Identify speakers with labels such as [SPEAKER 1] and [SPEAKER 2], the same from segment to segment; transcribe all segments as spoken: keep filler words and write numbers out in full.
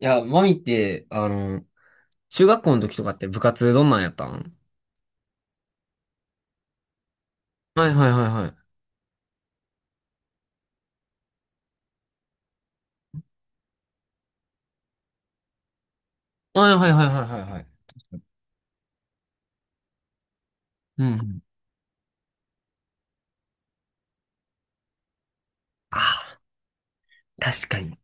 [SPEAKER 1] いや、マミって、あの、中学校の時とかって部活どんなんやったん？はいはいはいはい。はいはいはいはいはいはい。うん。ああ、確かに。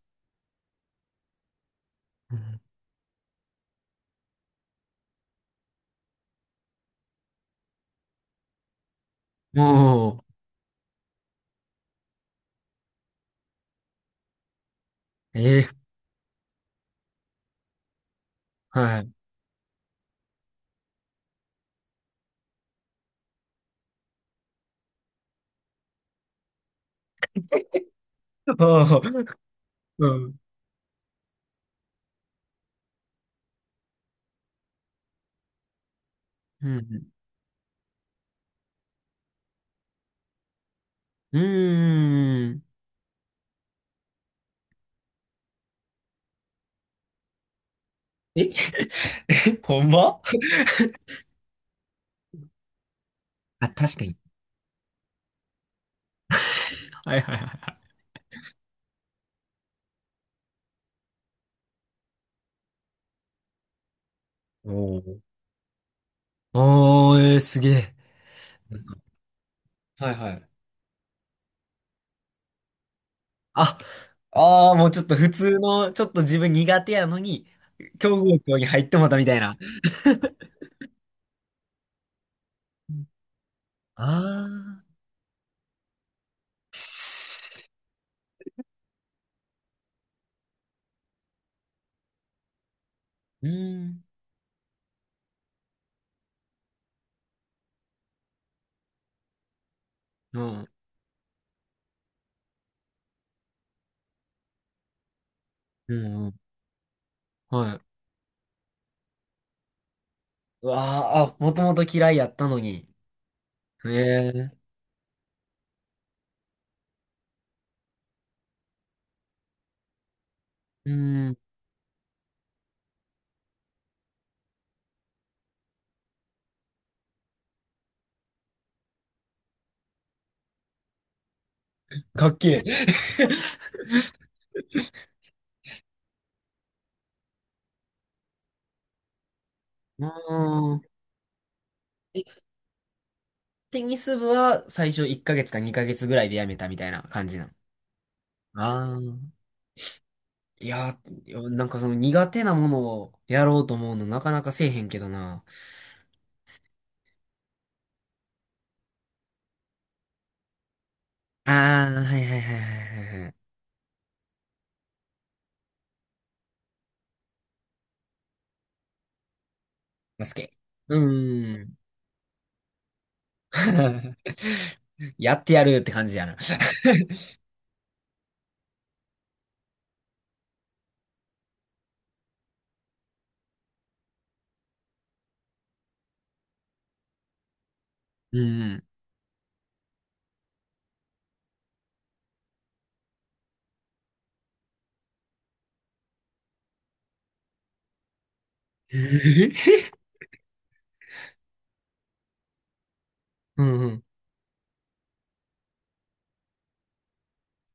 [SPEAKER 1] うん、おー。ええ、はい。はい、うん。うん。うーん。え え、ほんま？あ、確かに。はいはいはい。おー、おー、えー、すげえ。はいはい。あ、ああ、もうちょっと普通の、ちょっと自分苦手やのに、強豪校に入ってもうたみたいな。ああ、うーん、うん、うん、うん、はい。うわあ、あ、もともと嫌いやったのに。ええ、うん、かっけえ。うーん。テニス部は最初いっかげつかにかげつぐらいでやめたみたいな感じなん？ああ。いやー、なんかその苦手なものをやろうと思うのなかなかせえへんけどな。ああ、はいはいはいはいはいはい。バスケ。うーん。やってやるって感じやな。うん。えーうん、うん。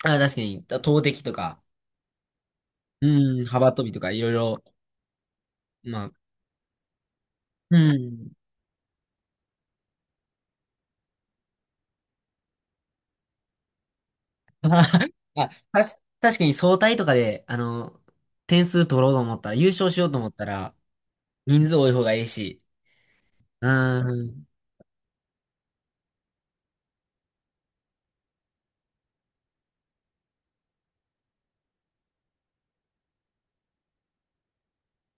[SPEAKER 1] あ、確かに、投擲とか、うん、幅跳びとかいろいろ、まあ、うん。あ、あたし確かに総体とかで、あの、点数取ろうと思ったら、優勝しようと思ったら、人数多い方がいいし。うん。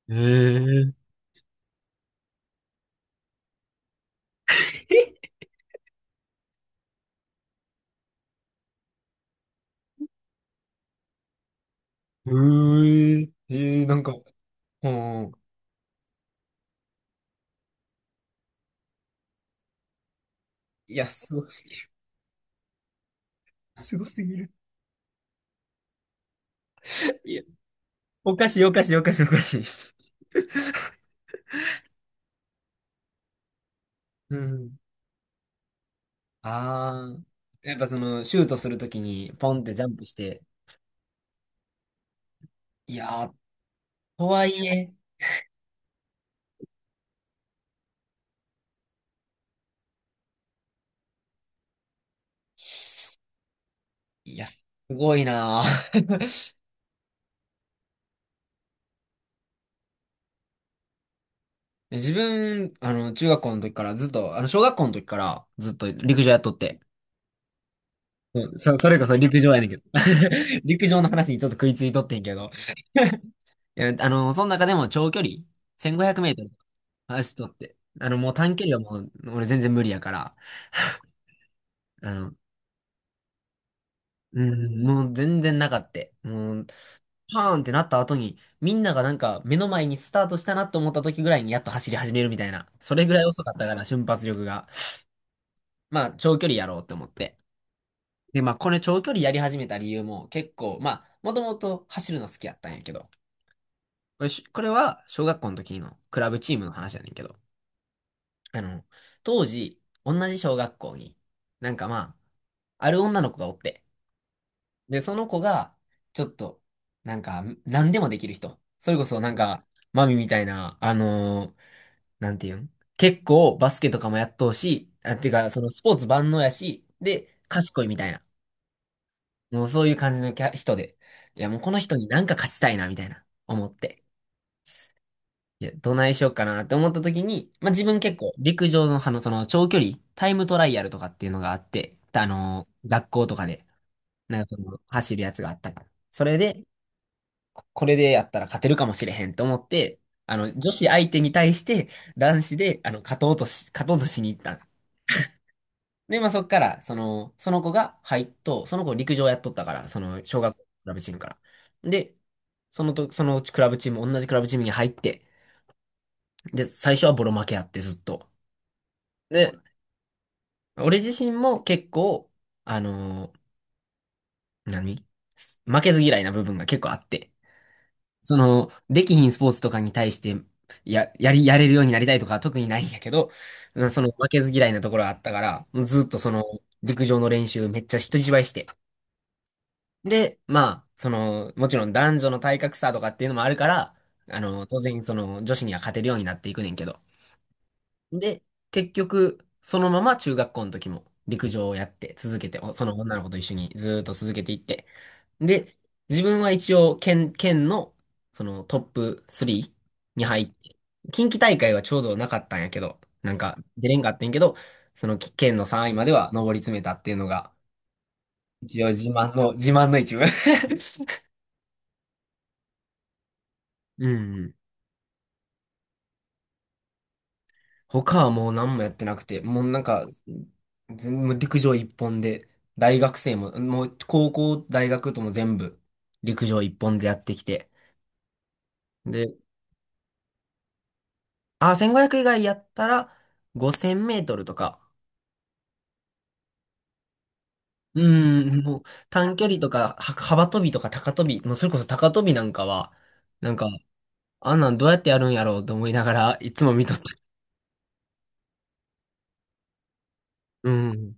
[SPEAKER 1] えー、うー、えー、なんか、うん、いや、すごすぎる。すごすぎる。いや、おかしい、おかしい、おかしい、おかしい。うん。ああ。やっぱその、シュートするときに、ポンってジャンプして、いやー、とはいえ、いや、すごいなー。 自分、あの、中学校の時からずっと、あの、小学校の時からずっと陸上やっとって。うん、そ、それこそ陸上やねんけど。陸上の話にちょっと食いついとってんけど。いやあの、その中でも長距離、せんごひゃくメートルとか走っとって。あの、もう短距離はもう、俺全然無理やから。あの、うん、もう全然なかった。もう、パーンってなった後に、みんながなんか目の前にスタートしたなと思った時ぐらいにやっと走り始めるみたいな。それぐらい遅かったから、瞬発力が。まあ、長距離やろうって思って。で、まあ、これ長距離やり始めた理由も結構、まあ、もともと走るの好きやったんやけど、これし、これは小学校の時のクラブチームの話やねんけど、あの、当時、同じ小学校に、なんかまあ、ある女の子がおって、で、その子が、ちょっと、なんか、何でもできる人。それこそ、なんか、マミみたいな、あのーなんていうん、結構、バスケとかもやっとうし、あ、てか、そのスポーツ万能やし、で、賢いみたいな。もうそういう感じのキャ人で、いや、もうこの人になんか勝ちたいな、みたいな、思って。いや、どないしようかなって思った時に、まあ、自分結構、陸上の、あの、その、長距離、タイムトライアルとかっていうのがあって、あのー学校とかで、なんかその、走るやつがあったから。それで、これでやったら勝てるかもしれへんと思って、あの、女子相手に対して男子で、あの、勝とうとし、勝とうとしに行ったの。で、まあ、そっから、その、その子が入っと、その子陸上やっとったから、その、小学校のクラブチームから。で、そのと、そのうちクラブチーム、同じクラブチームに入って、で、最初はボロ負けあって、ずっと。で、俺自身も結構、あのー何負けず嫌いな部分が結構あって。その、できひんスポーツとかに対して、や、やり、やれるようになりたいとかは特にないんやけど、うん、その負けず嫌いなところはあったから、もうずっとその、陸上の練習めっちゃ人一倍して。で、まあ、その、もちろん男女の体格差とかっていうのもあるから、あの、当然その、女子には勝てるようになっていくねんけど。で、結局、そのまま中学校の時も陸上をやって続けて、おその女の子と一緒にずーっと続けていって、で、自分は一応県、県の、そのトップスリーに入って、近畿大会はちょうどなかったんやけど、なんか出れんかったんやけど、その県のさんいまでは上り詰めたっていうのが、一応自慢の、自慢の一部。 うん。他はもう何もやってなくて、もうなんか、全もう陸上一本で、大学生も、もう高校、大学とも全部陸上一本でやってきて。で、あ、せんごひゃく以外やったら、ごせんメートルとか、うん、もう短距離とか、は幅跳びとか高跳び、もうそれこそ高跳びなんかは、なんか、あんなんどうやってやるんやろうと思いながら いつも見とった。うん。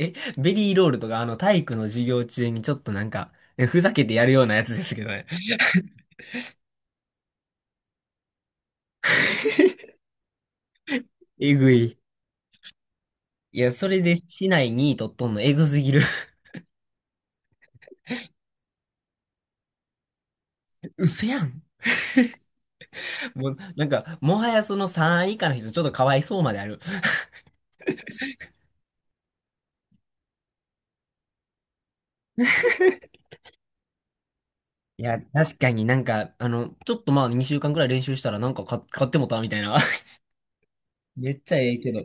[SPEAKER 1] え、ベリーロールとか、あの体育の授業中にちょっとなんか、えふざけてやるようなやつですけどね。えぐい。いや、それで市内に位取っとんのえぐすぎる。嘘やん。もう、なんか、もはやそのさんい以下の人ちょっとかわいそうまである。いや、確かになんか、あの、ちょっとまあにしゅうかんくらい練習したらなんか買買ってもたみたいな。めっちゃええけど。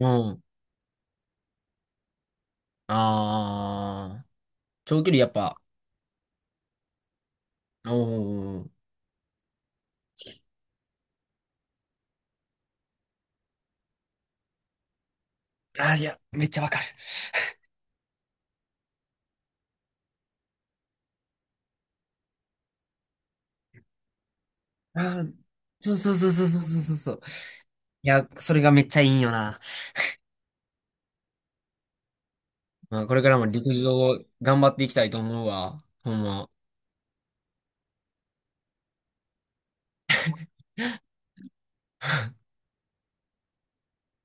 [SPEAKER 1] うん。ああ、長距離やっぱ、うん。ああ、いや、めっちゃわかる。ああ、そうそうそうそうそうそうそう。いや、それがめっちゃいいんよな。まあ、これからも陸上頑張っていきたいと思うわ。ほんま。